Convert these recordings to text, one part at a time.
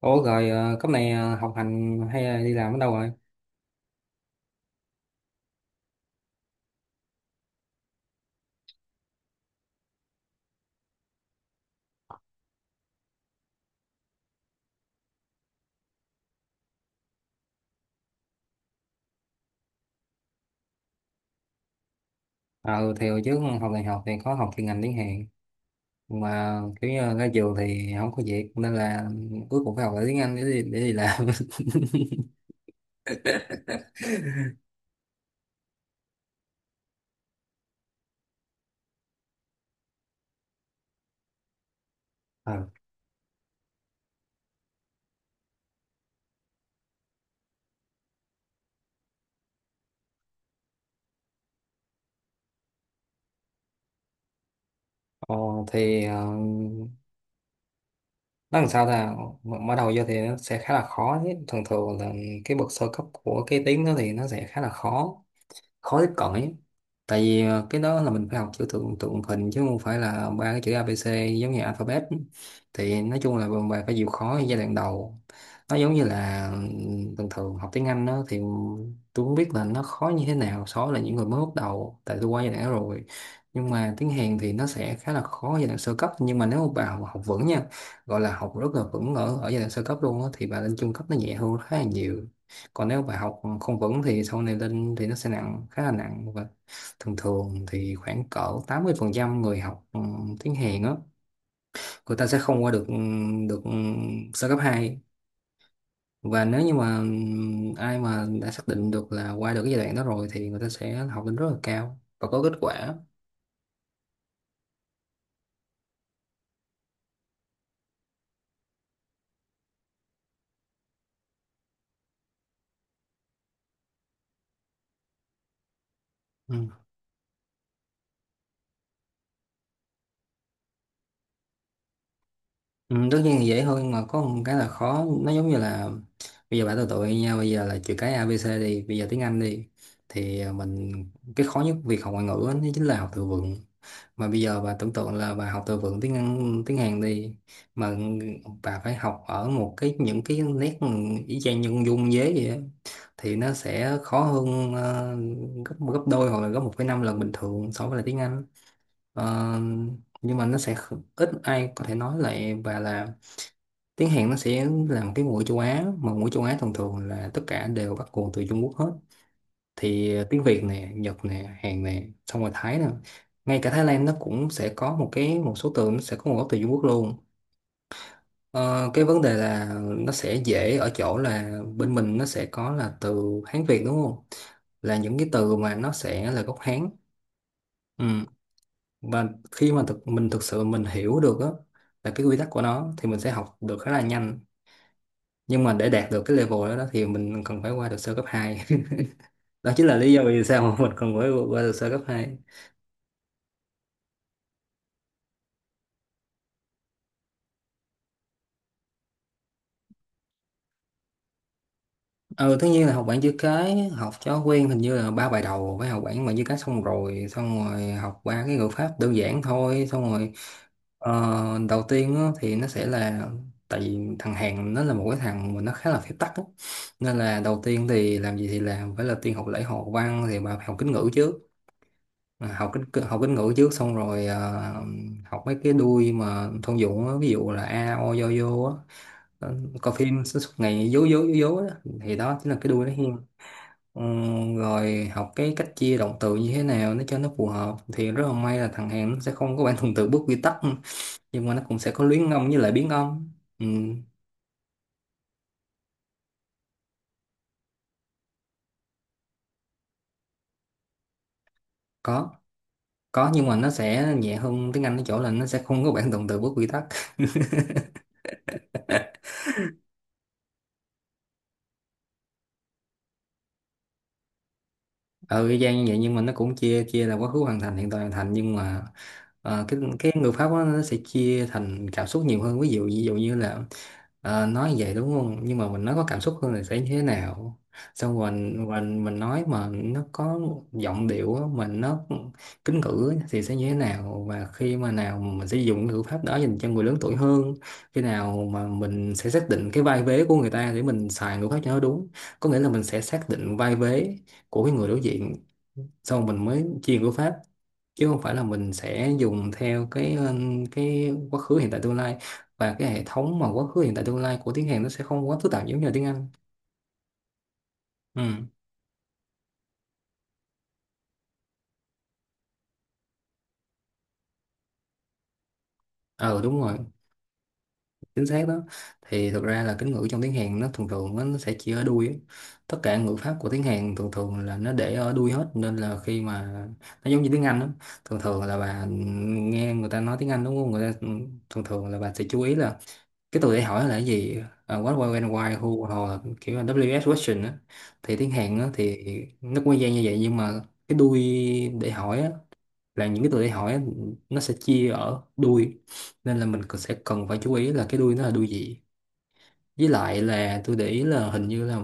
Ủa rồi, cấp này, học hành hay là đi làm ở đâu rồi? Ờ thì hồi trước học đại học thì có học chuyên ngành tiếng Hàn, mà kiểu như ra trường thì không có việc nên là cuối cùng phải học lại tiếng Anh, để đi làm. Ờ Ờ, thì nó làm sao ta, mở đầu vô thì nó sẽ khá là khó chứ. Thường thường là cái bậc sơ cấp của cái tiếng đó thì nó sẽ khá là khó, khối cõi. Tại vì cái đó là mình phải học chữ tượng tượng hình chứ không phải là ba cái chữ A ABC giống như alphabet. Thì nói chung là bạn phải chịu khó ở giai đoạn đầu. Nó giống như là, bình thường học tiếng Anh đó thì tôi không biết là nó khó như thế nào so với là những người mới bắt đầu, tại tôi qua giai đoạn đó rồi. Nhưng mà tiếng Hàn thì nó sẽ khá là khó giai đoạn sơ cấp, nhưng mà nếu mà bà học vững nha, gọi là học rất là vững ở ở giai đoạn sơ cấp luôn á, thì bà lên trung cấp nó nhẹ hơn khá là nhiều. Còn nếu bài học không vững thì sau này lên thì nó sẽ nặng, khá là nặng. Và thường thường thì khoảng cỡ 80% người học, tiếng Hàn á, người ta sẽ không qua được được ừ, sơ cấp hai. Và nếu như mà ai mà đã xác định được là qua được cái giai đoạn đó rồi thì người ta sẽ học lên rất là cao và có kết quả ừ. Ừ, tất nhiên là dễ hơn, mà có một cái là khó. Nó giống như là bây giờ bạn tụi tụi nha, bây giờ là chữ cái a ABC đi, bây giờ tiếng Anh đi thì à, mình... cái khó nhất việc học ngoại ngữ á, nó chính là học từ vựng. Mà bây giờ bà tưởng tượng là bà học từ vựng tiếng Anh tiếng Hàn đi, mà bà phải học ở một cái, những cái nét y chang như con dung dế vậy á, thì nó sẽ khó hơn gấp gấp đôi hoặc là gấp 1,5 lần bình thường so với là tiếng Anh. Ờ, nhưng mà nó sẽ ít ai có thể nói lại. Và là tiếng Hàn nó sẽ là một cái ngôn ngữ châu Á, mà ngôn ngữ châu Á thường thường là tất cả đều bắt nguồn từ Trung Quốc hết. Thì tiếng Việt nè, Nhật nè, Hàn nè, xong rồi Thái nè. Ngay cả Thái Lan nó cũng sẽ có một cái, một số từ nó sẽ có nguồn gốc từ Trung Quốc luôn. Ờ, cái vấn đề là nó sẽ dễ ở chỗ là bên mình nó sẽ có là từ Hán Việt, đúng không, là những cái từ mà nó sẽ là gốc Hán ừ. Và khi mà mình thực sự hiểu được á là cái quy tắc của nó, thì mình sẽ học được khá là nhanh. Nhưng mà để đạt được cái level đó thì mình cần phải qua được sơ cấp hai. Đó chính là lý do vì sao mà mình cần phải qua được sơ cấp hai. Ừ, tất nhiên là học bảng chữ cái, học cho quen. Hình như là ba bài đầu phải học bảng bảng chữ cái, xong rồi học ba cái ngữ pháp đơn giản thôi. Xong rồi ờ, đầu tiên á, thì nó sẽ là... Tại vì thằng Hàn nó là một cái thằng mà nó khá là phép tắc á. Nên là đầu tiên thì làm gì thì làm, phải là tiên học lễ học văn, thì bà phải học kính ngữ trước. À, học kính ngữ trước, xong rồi học mấy cái đuôi mà thông dụng á, ví dụ là a o do vô á. Ờ, Coi phim suốt suốt ngày dố dố dố dố đó. Thì đó chính là cái đuôi nó hiên. Ừ, Rồi học cái cách chia động từ như thế nào để cho nó phù hợp. Thì rất là may là thằng Hàn nó sẽ không có bản thuần từ bước quy tắc, nhưng mà nó cũng sẽ có luyến âm với lại biến âm. Ừ, có có, nhưng mà nó sẽ nhẹ hơn tiếng Anh ở chỗ là nó sẽ không có bản thuần từ bước quy tắc. Ừ, y chang như vậy, nhưng mà nó cũng chia chia là quá khứ hoàn thành, hiện tại hoàn thành. Nhưng mà cái người Pháp đó, nó sẽ chia thành cảm xúc nhiều hơn. Ví dụ như là nói vậy đúng không, nhưng mà mình nói có cảm xúc hơn là sẽ như thế nào. Xong rồi mình nói mà nó có giọng điệu á, mình nó kính cử á, thì sẽ như thế nào. Và khi mà nào mà mình sẽ dùng cái ngữ pháp đó dành cho người lớn tuổi hơn, khi nào mà mình sẽ xác định cái vai vế của người ta để mình xài ngữ pháp cho nó đúng, có nghĩa là mình sẽ xác định vai vế của cái người đối diện, xong mình mới chia ngữ pháp, chứ không phải là mình sẽ dùng theo cái quá khứ hiện tại tương lai. Và cái hệ thống mà quá khứ hiện tại tương lai của tiếng Hàn nó sẽ không quá phức tạp giống như là tiếng Anh. Ừ, ờ đúng rồi, chính xác đó. Thì thực ra là kính ngữ trong tiếng Hàn nó thường thường á, nó sẽ chỉ ở đuôi á. Tất cả ngữ pháp của tiếng Hàn thường thường là nó để ở đuôi hết, nên là khi mà... nó giống như tiếng Anh đó. Thường thường là bà nghe người ta nói tiếng Anh, đúng không, người ta thường thường là bà sẽ chú ý là cái tôi để hỏi là cái gì. What, why, when, why, who, hoặc là kiểu là WS question á. Thì tiếng Hàn á thì nó cũng gian như vậy, nhưng mà cái đuôi để hỏi á, là những cái từ để hỏi á, nó sẽ chia ở đuôi. Nên là mình sẽ cần phải chú ý là cái đuôi nó là đuôi gì. Với lại là tôi để ý là hình như là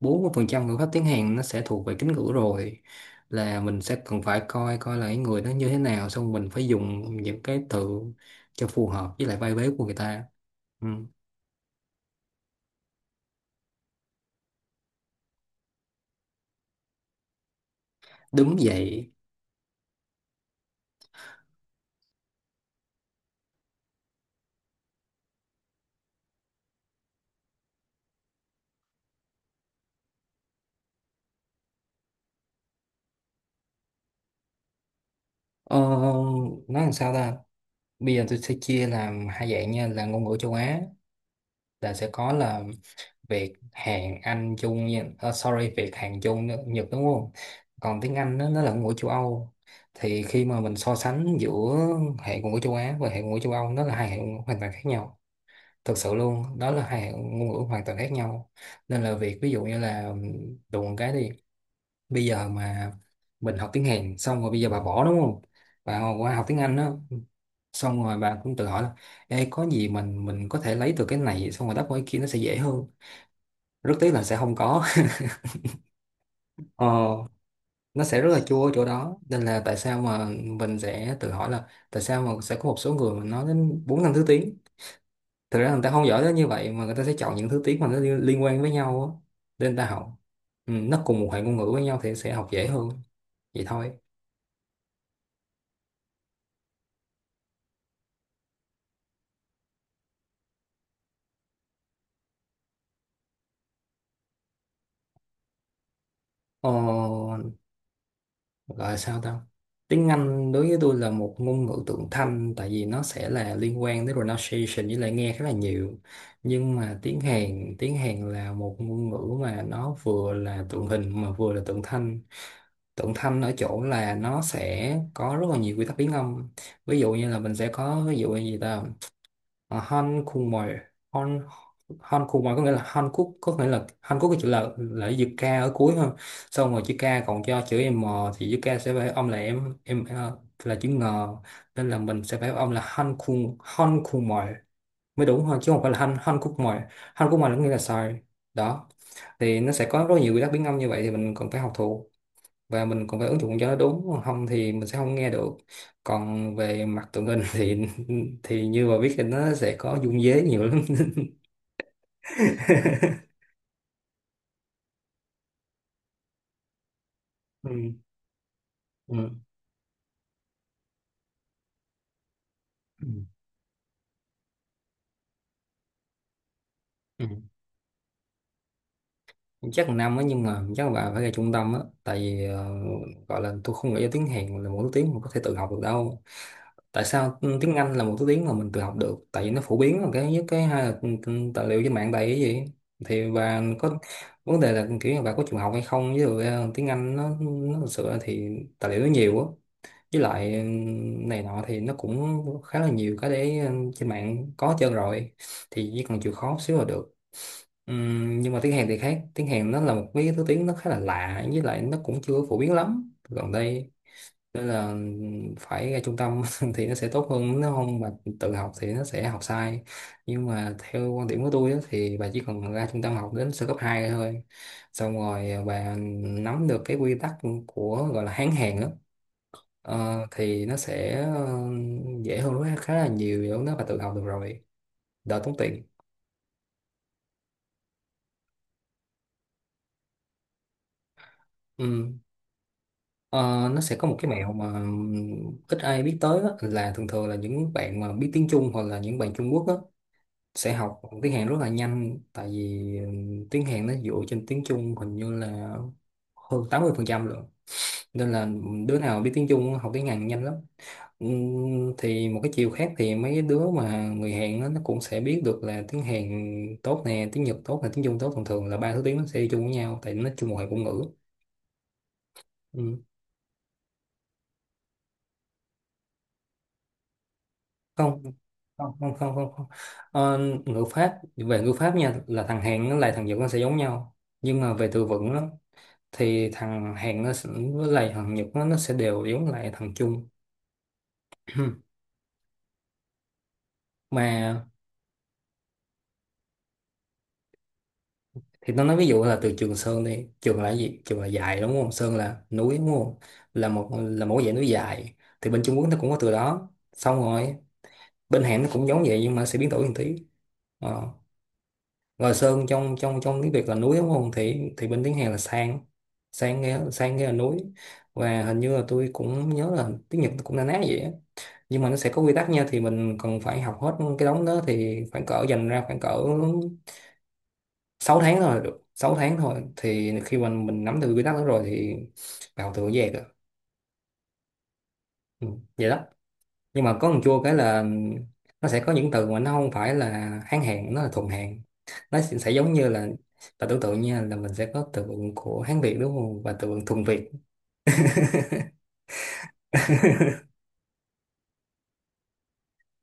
40% ngữ pháp tiếng Hàn nó sẽ thuộc về kính ngữ rồi, là mình sẽ cần phải coi coi là cái người đó như thế nào, xong mình phải dùng những cái từ cho phù hợp với lại vai vế của người ta ừ. Đúng vậy. Ờ, nói làm sao ta? Bây giờ tôi sẽ chia làm hai dạng nha, là ngôn ngữ châu Á, là sẽ có là Việt, Hàn, Anh, Trung nha. Ờ, sorry, Việt, Hàn, Trung, Nhật, đúng không? Còn tiếng Anh đó, nó là ngôn ngữ châu Âu. Thì khi mà mình so sánh giữa hệ ngôn ngữ châu Á và hệ ngôn ngữ châu Âu, nó là hai hệ ngôn ngữ hoàn toàn khác nhau. Thực sự luôn, đó là hai hệ ngôn ngữ hoàn toàn khác nhau. Nên là việc ví dụ như là, đùa một cái đi, bây giờ mà mình học tiếng Hàn xong rồi, bây giờ bà bỏ, đúng không, bà qua học tiếng Anh đó, xong rồi bà cũng tự hỏi là: Ê, có gì mình có thể lấy từ cái này xong rồi đắp qua cái kia, nó sẽ dễ hơn. Rất tiếc là sẽ không có. ờ, nó sẽ rất là chua ở chỗ đó, nên là tại sao mà mình sẽ tự hỏi là tại sao mà sẽ có một số người mà nói đến bốn năm thứ tiếng. Thực ra người ta không giỏi đến như vậy, mà người ta sẽ chọn những thứ tiếng mà nó liên liên quan với nhau á để người ta học. Nó cùng một hệ ngôn ngữ với nhau thì sẽ học dễ hơn, vậy thôi. ờ, Gọi là sao ta? Tiếng Anh đối với tôi là một ngôn ngữ tượng thanh, tại vì nó sẽ là liên quan đến pronunciation với lại nghe khá là nhiều. Nhưng mà tiếng Hàn là một ngôn ngữ mà nó vừa là tượng hình mà vừa là tượng thanh. Tượng thanh ở chỗ là nó sẽ có rất là nhiều quy tắc biến âm. Ví dụ như là mình sẽ có, ví dụ như gì ta, à, Han Han khùng mồi có nghĩa là Hàn Quốc, cái chữ là chữ K ở cuối ha. Xong rồi chữ K còn cho chữ M, thì chữ K sẽ phải âm là em là chữ ngờ, nên là mình sẽ phải âm là Han khùng mồi mới đúng thôi, chứ không phải là Han Han khúc mồi. Han khúc mồi là có nghĩa là sai đó. Thì nó sẽ có rất nhiều quy tắc biến âm như vậy thì mình cần phải học thuộc, và mình cũng phải ứng dụng cho nó đúng, không thì mình sẽ không nghe được. Còn về mặt tụi mình thì như mà biết thì nó sẽ có dung dế nhiều lắm ừ. Ừ. Ừ. Chắc là năm á, nhưng mà chắc là bà phải ra trung tâm á, tại vì gọi là tôi không nghĩ tiếng Hàn là một thứ tiếng mà có thể tự học được đâu. Tại sao tiếng Anh là một thứ tiếng mà mình tự học được? Tại vì nó phổ biến là cái nhất, cái hai là tài liệu trên mạng đầy cái gì thì bà có. Vấn đề là kiểu như bà có chịu học hay không, với rồi tiếng Anh nó thực sự là thì tài liệu nó nhiều á, với lại này nọ thì nó cũng khá là nhiều cái để, trên mạng có hết trơn rồi, thì chỉ cần chịu khó xíu là được. Nhưng mà tiếng Hàn thì khác. Tiếng Hàn nó là một cái thứ tiếng nó khá là lạ, với lại nó cũng chưa phổ biến lắm gần đây, nên là phải ra trung tâm thì nó sẽ tốt hơn, nếu không mà tự học thì nó sẽ học sai. Nhưng mà theo quan điểm của tôi á, thì bà chỉ cần ra trung tâm học đến sơ cấp 2 thôi. Xong rồi à, bà nắm được cái quy tắc của gọi là Hán Hàn á, thì nó sẽ dễ hơn khá là nhiều, nếu nó bà tự học được rồi, đỡ tốn tiền. Ừ. Ờ, nó sẽ có một cái mẹo mà ít ai biết tới á, là thường thường là những bạn mà biết tiếng Trung, hoặc là những bạn Trung Quốc á, sẽ học tiếng Hàn rất là nhanh, tại vì tiếng Hàn nó dựa trên tiếng Trung, hình như là hơn 80% luôn. Nên là đứa nào biết tiếng Trung học tiếng Hàn nhanh lắm. Thì một cái chiều khác thì mấy đứa mà người Hàn á, nó cũng sẽ biết được là tiếng Hàn tốt nè, tiếng Nhật tốt nè, tiếng Trung tốt. Thường thường là ba thứ tiếng nó sẽ đi chung với nhau, tại nó chung một hệ ngôn ngữ. Không. Không. Ờ, ngữ pháp, về ngữ pháp nha, là thằng hẹn với lại thằng Nhật nó sẽ giống nhau, nhưng mà về từ vựng đó, thì thằng hẹn nó sẽ, với lại thằng Nhật nó sẽ đều giống lại thằng Trung. Mà thì nó nói ví dụ là từ Trường Sơn đi. Trường là cái gì? Trường là dài, đúng không? Sơn là núi, đúng không? Là một dạng núi dài. Thì bên Trung Quốc nó cũng có từ đó. Xong rồi bên Hàn nó cũng giống vậy, nhưng mà sẽ biến đổi một tí. Ờ. Rồi Sơn trong trong trong tiếng Việt là núi, đúng không? Thì bên tiếng Hàn là sang. Sang nghe, sang nghe là núi. Và hình như là tôi cũng nhớ là tiếng Nhật cũng na ná vậy á. Nhưng mà nó sẽ có quy tắc nha, thì mình cần phải học hết cái đống đó, thì khoảng cỡ 6 tháng thôi là được. 6 tháng thôi, thì khi mà mình nắm được quy tắc đó rồi thì vào tự dễ rồi. Ừ, vậy đó. Nhưng mà có một chua cái là nó sẽ có những từ mà nó không phải là Hán Hán, nó là thuần Hán. Nó sẽ giống như là, và tưởng tượng nha, là mình sẽ có từ vựng của Hán Việt đúng không, và từ vựng thuần Việt.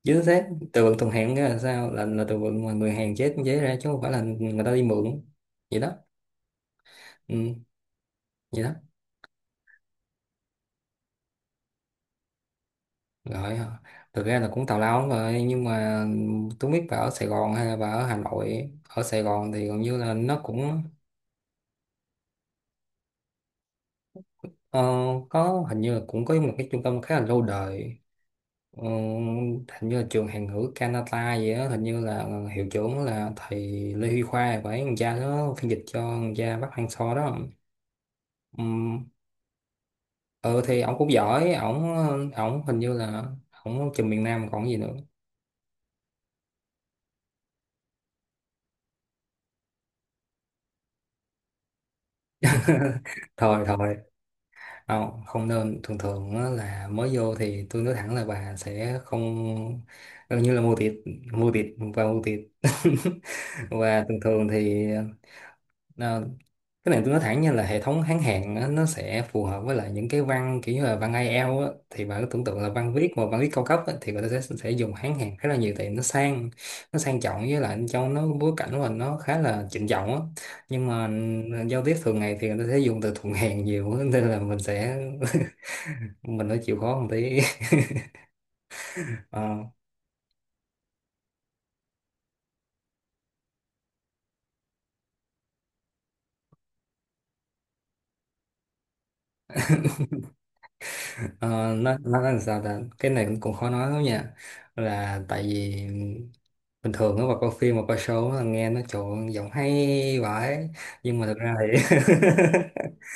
Chứ thế từ vựng thuần Hán nghĩa là sao? Là từ vựng mà người Hàn chế chế ra chứ không phải là người ta đi mượn, vậy đó. Ừ, vậy đó. Rồi ờ, thực ra là cũng tào lao lắm rồi, nhưng mà tôi biết bà ở Sài Gòn hay là bà ở Hà Nội? Ở Sài Gòn thì gần như là nó cũng ờ, có, hình như là cũng có một cái trung tâm khá là lâu đời. Ờ, hình như là trường Hàn ngữ Canada gì đó, hình như là hiệu trưởng là thầy Lê Huy Khoa, phải thằng cha nó phiên dịch cho thằng cha Bắc Hang So đó. Ừm, ừ thì ổng cũng giỏi. Ổng, ổng hình như là ổng trường miền Nam còn gì nữa. Thôi thôi, không, không nên. Thường thường á là mới vô thì tôi nói thẳng là bà sẽ không, gần như là mua thịt mua thịt và thường thường thì ờ, cái này tôi nói thẳng nha, là hệ thống Hán Hán á, nó sẽ phù hợp với lại những cái văn kiểu như là văn IELTS á, thì bà cứ tưởng tượng là văn viết, mà văn viết cao cấp á, thì người ta sẽ dùng Hán Hán khá là nhiều, tại nó sang, nó sang trọng, với lại cho nó bối cảnh của mình nó khá là trịnh trọng á. Nhưng mà giao tiếp thường ngày thì người ta sẽ dùng từ thuận hèn nhiều á, nên là mình sẽ mình phải chịu khó một tí. Ờ, ờ, nó là sao ta, cái này cũng cũng khó nói lắm nha. Là tại vì bình thường á mà coi phim, mà coi show á, nghe nó trộn giọng hay vãi. Nhưng mà thực ra thì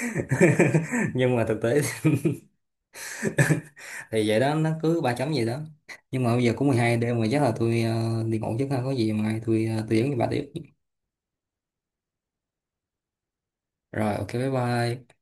nhưng mà thực tế thì vậy đó, nó cứ ba chấm vậy đó. Nhưng mà bây giờ cũng 12 đêm rồi, chắc là tôi đi ngủ trước ha, có gì mai tôi tôi dẫn bà tiếp. Rồi ok, bye bye.